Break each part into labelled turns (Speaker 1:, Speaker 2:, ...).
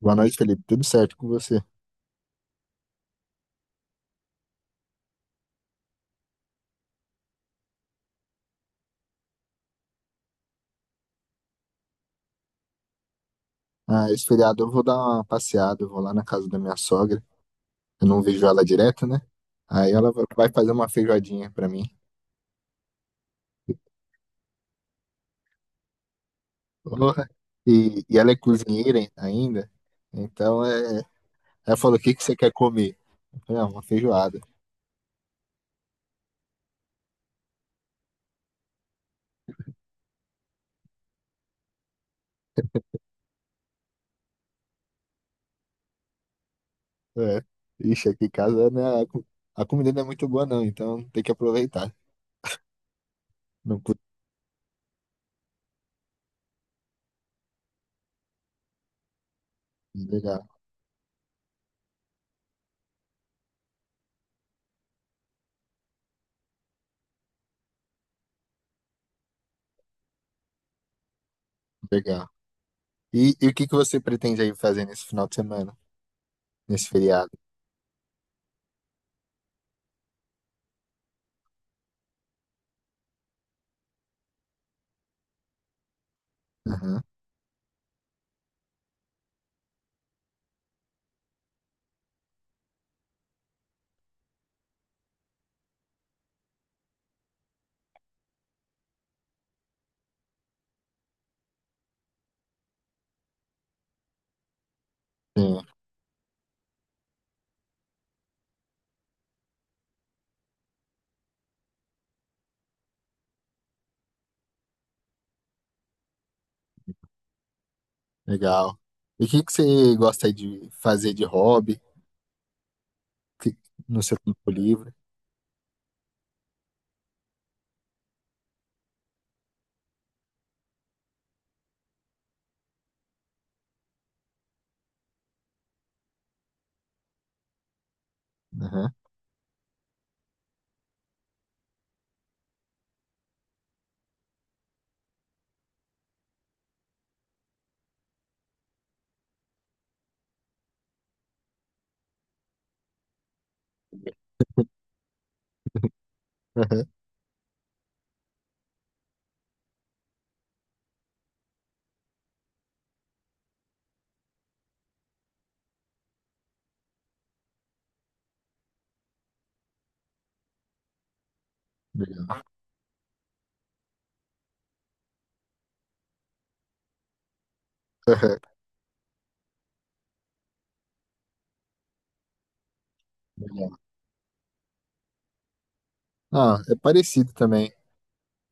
Speaker 1: Boa noite, Felipe. Tudo certo com você? Ah, esse feriado eu vou dar uma passeada, eu vou lá na casa da minha sogra. Eu não vejo ela direto, né? Aí ela vai fazer uma feijoadinha pra mim. Porra. E ela é cozinheira ainda, então é. Ela falou: o que que você quer comer? Eu falei, ah, uma feijoada. É. Ixi, aqui em casa, né, a comida não é muito boa, não, então tem que aproveitar. Não, legal, legal. E o que que você pretende aí fazer nesse final de semana, nesse feriado? Aham. Legal. E o que que você gosta aí de fazer de hobby que- no seu tempo livre? Aham, aham. Legal. Aham, legal. Ah, é parecido também.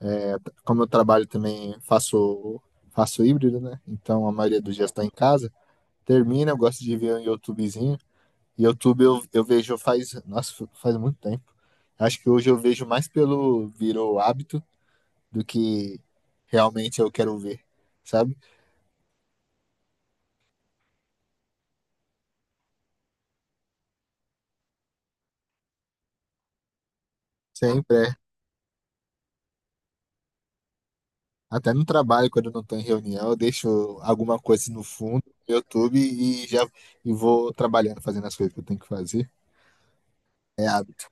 Speaker 1: É, como eu trabalho também, faço híbrido, né? Então a maioria dos dias está em casa. Termina, eu gosto de ver um YouTubezinho. YouTube eu vejo faz, nossa, faz muito tempo. Acho que hoje eu vejo mais pelo virou hábito do que realmente eu quero ver, sabe? Sempre. É. Até no trabalho, quando eu não estou em reunião, eu deixo alguma coisa no fundo no YouTube e vou trabalhando, fazendo as coisas que eu tenho que fazer. É hábito.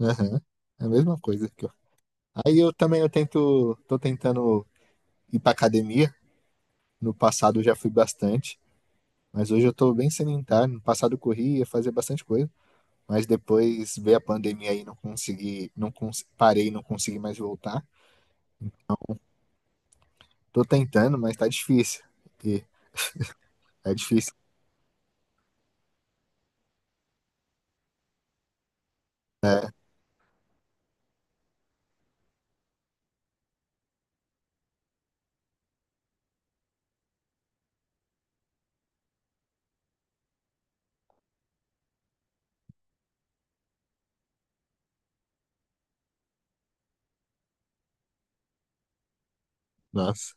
Speaker 1: Aham. É a mesma coisa que eu. Aí eu também tô tentando ir pra academia. No passado eu já fui bastante, mas hoje eu tô bem sedentário. No passado eu corria, fazia bastante coisa, mas depois veio a pandemia aí, não consegui, parei, não consegui mais voltar. Tô tentando, mas tá difícil. E é difícil. Nossa.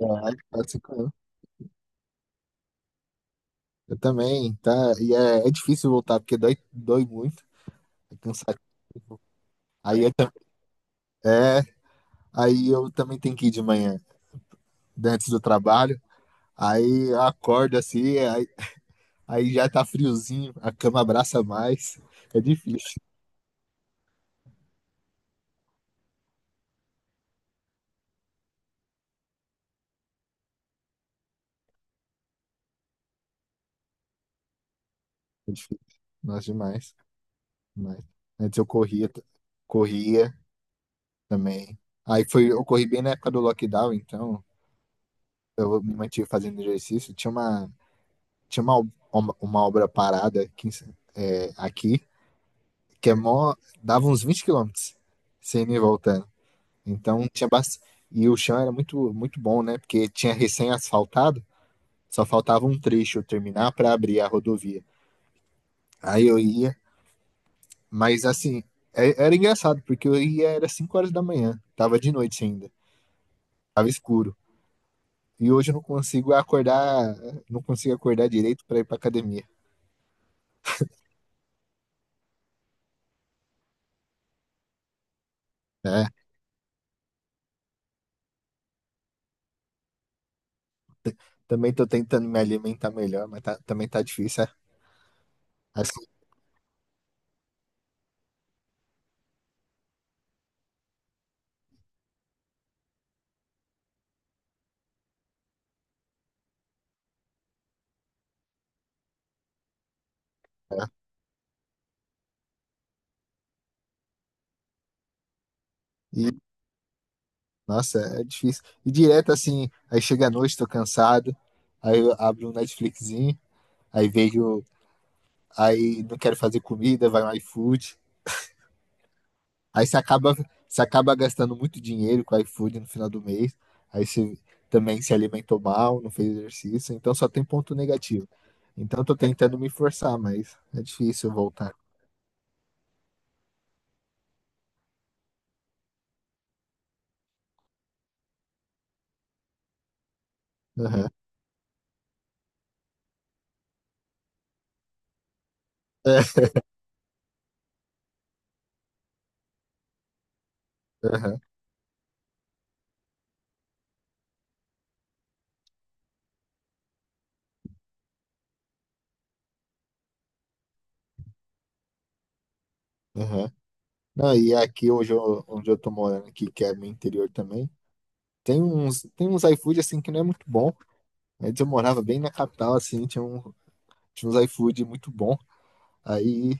Speaker 1: É, quase cinco. Eu também, tá? E é difícil voltar, porque dói, dói muito, é cansativo. Aí eu, tam- é, aí eu também tenho que ir de manhã, né, antes do trabalho. Aí eu acordo assim, aí, aí já tá friozinho, a cama abraça mais. É difícil, é difícil. Nossa, demais, demais. Antes eu corria, corria também. Aí foi, eu corri bem na época do lockdown, então eu me mantive fazendo exercício. Tinha uma obra parada aqui, aqui. Que é mó. Dava uns 20 quilômetros sem ir e voltando. Então tinha bastante. E o chão era muito, muito bom, né? Porque tinha recém-asfaltado, só faltava um trecho terminar para abrir a rodovia. Aí eu ia, mas assim, era engraçado, porque eu ia era 5 horas da manhã, tava de noite ainda, tava escuro. E hoje eu não consigo acordar, não consigo acordar direito para ir pra academia, né? Também tô tentando me alimentar melhor, mas também tá difícil. É? Assim, é. E, nossa, é difícil. E direto assim, aí chega a noite, tô cansado, aí eu abro um Netflixzinho, aí vejo, aí não quero fazer comida, vai no iFood. Aí você acaba, Você acaba gastando muito dinheiro com o iFood no final do mês. Aí você também se alimentou mal, não fez exercício, então só tem ponto negativo. Então eu tô tentando me forçar, mas é difícil voltar. Aham, é, aham, aham. Não, e aqui hoje onde eu tô morando aqui, que é meu interior também. Tem uns iFood assim que não é muito bom. Antes eu morava bem na capital, assim, tinha uns iFood muito bom. Aí,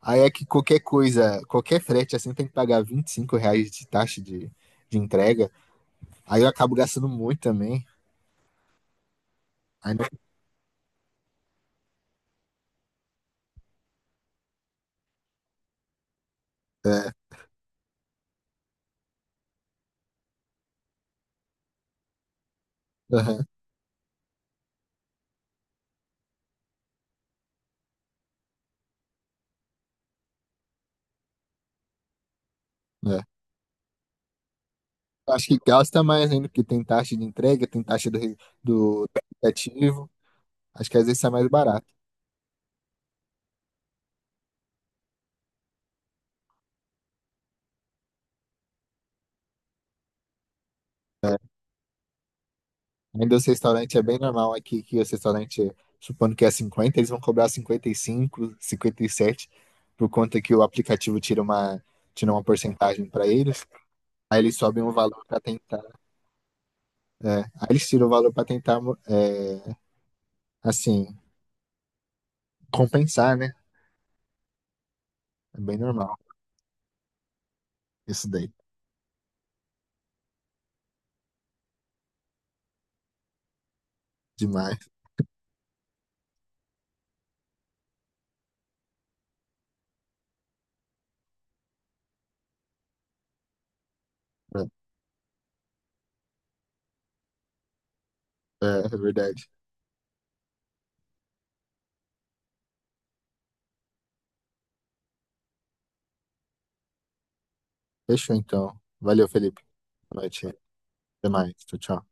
Speaker 1: aí é que qualquer coisa, qualquer frete assim tem que pagar R$ 25 de taxa de entrega. Aí eu acabo gastando muito também. Aí não, é, aham, é. Eu acho que gasta mais ainda, porque tem taxa de entrega, tem taxa do aplicativo. Acho que às vezes sai mais barato. É. Ainda os restaurantes é bem normal aqui, que os restaurantes, supondo que é 50, eles vão cobrar cinquenta, 55, 57, por conta que o aplicativo tira uma porcentagem para eles. Aí eles sobem o valor para tentar. É, aí eles tiram o valor para tentar, é, assim, compensar, né? É bem normal isso daí. Demais. É, é verdade. Fechou então. Valeu, Felipe. Boa noite. Até mais. Tchau, tchau.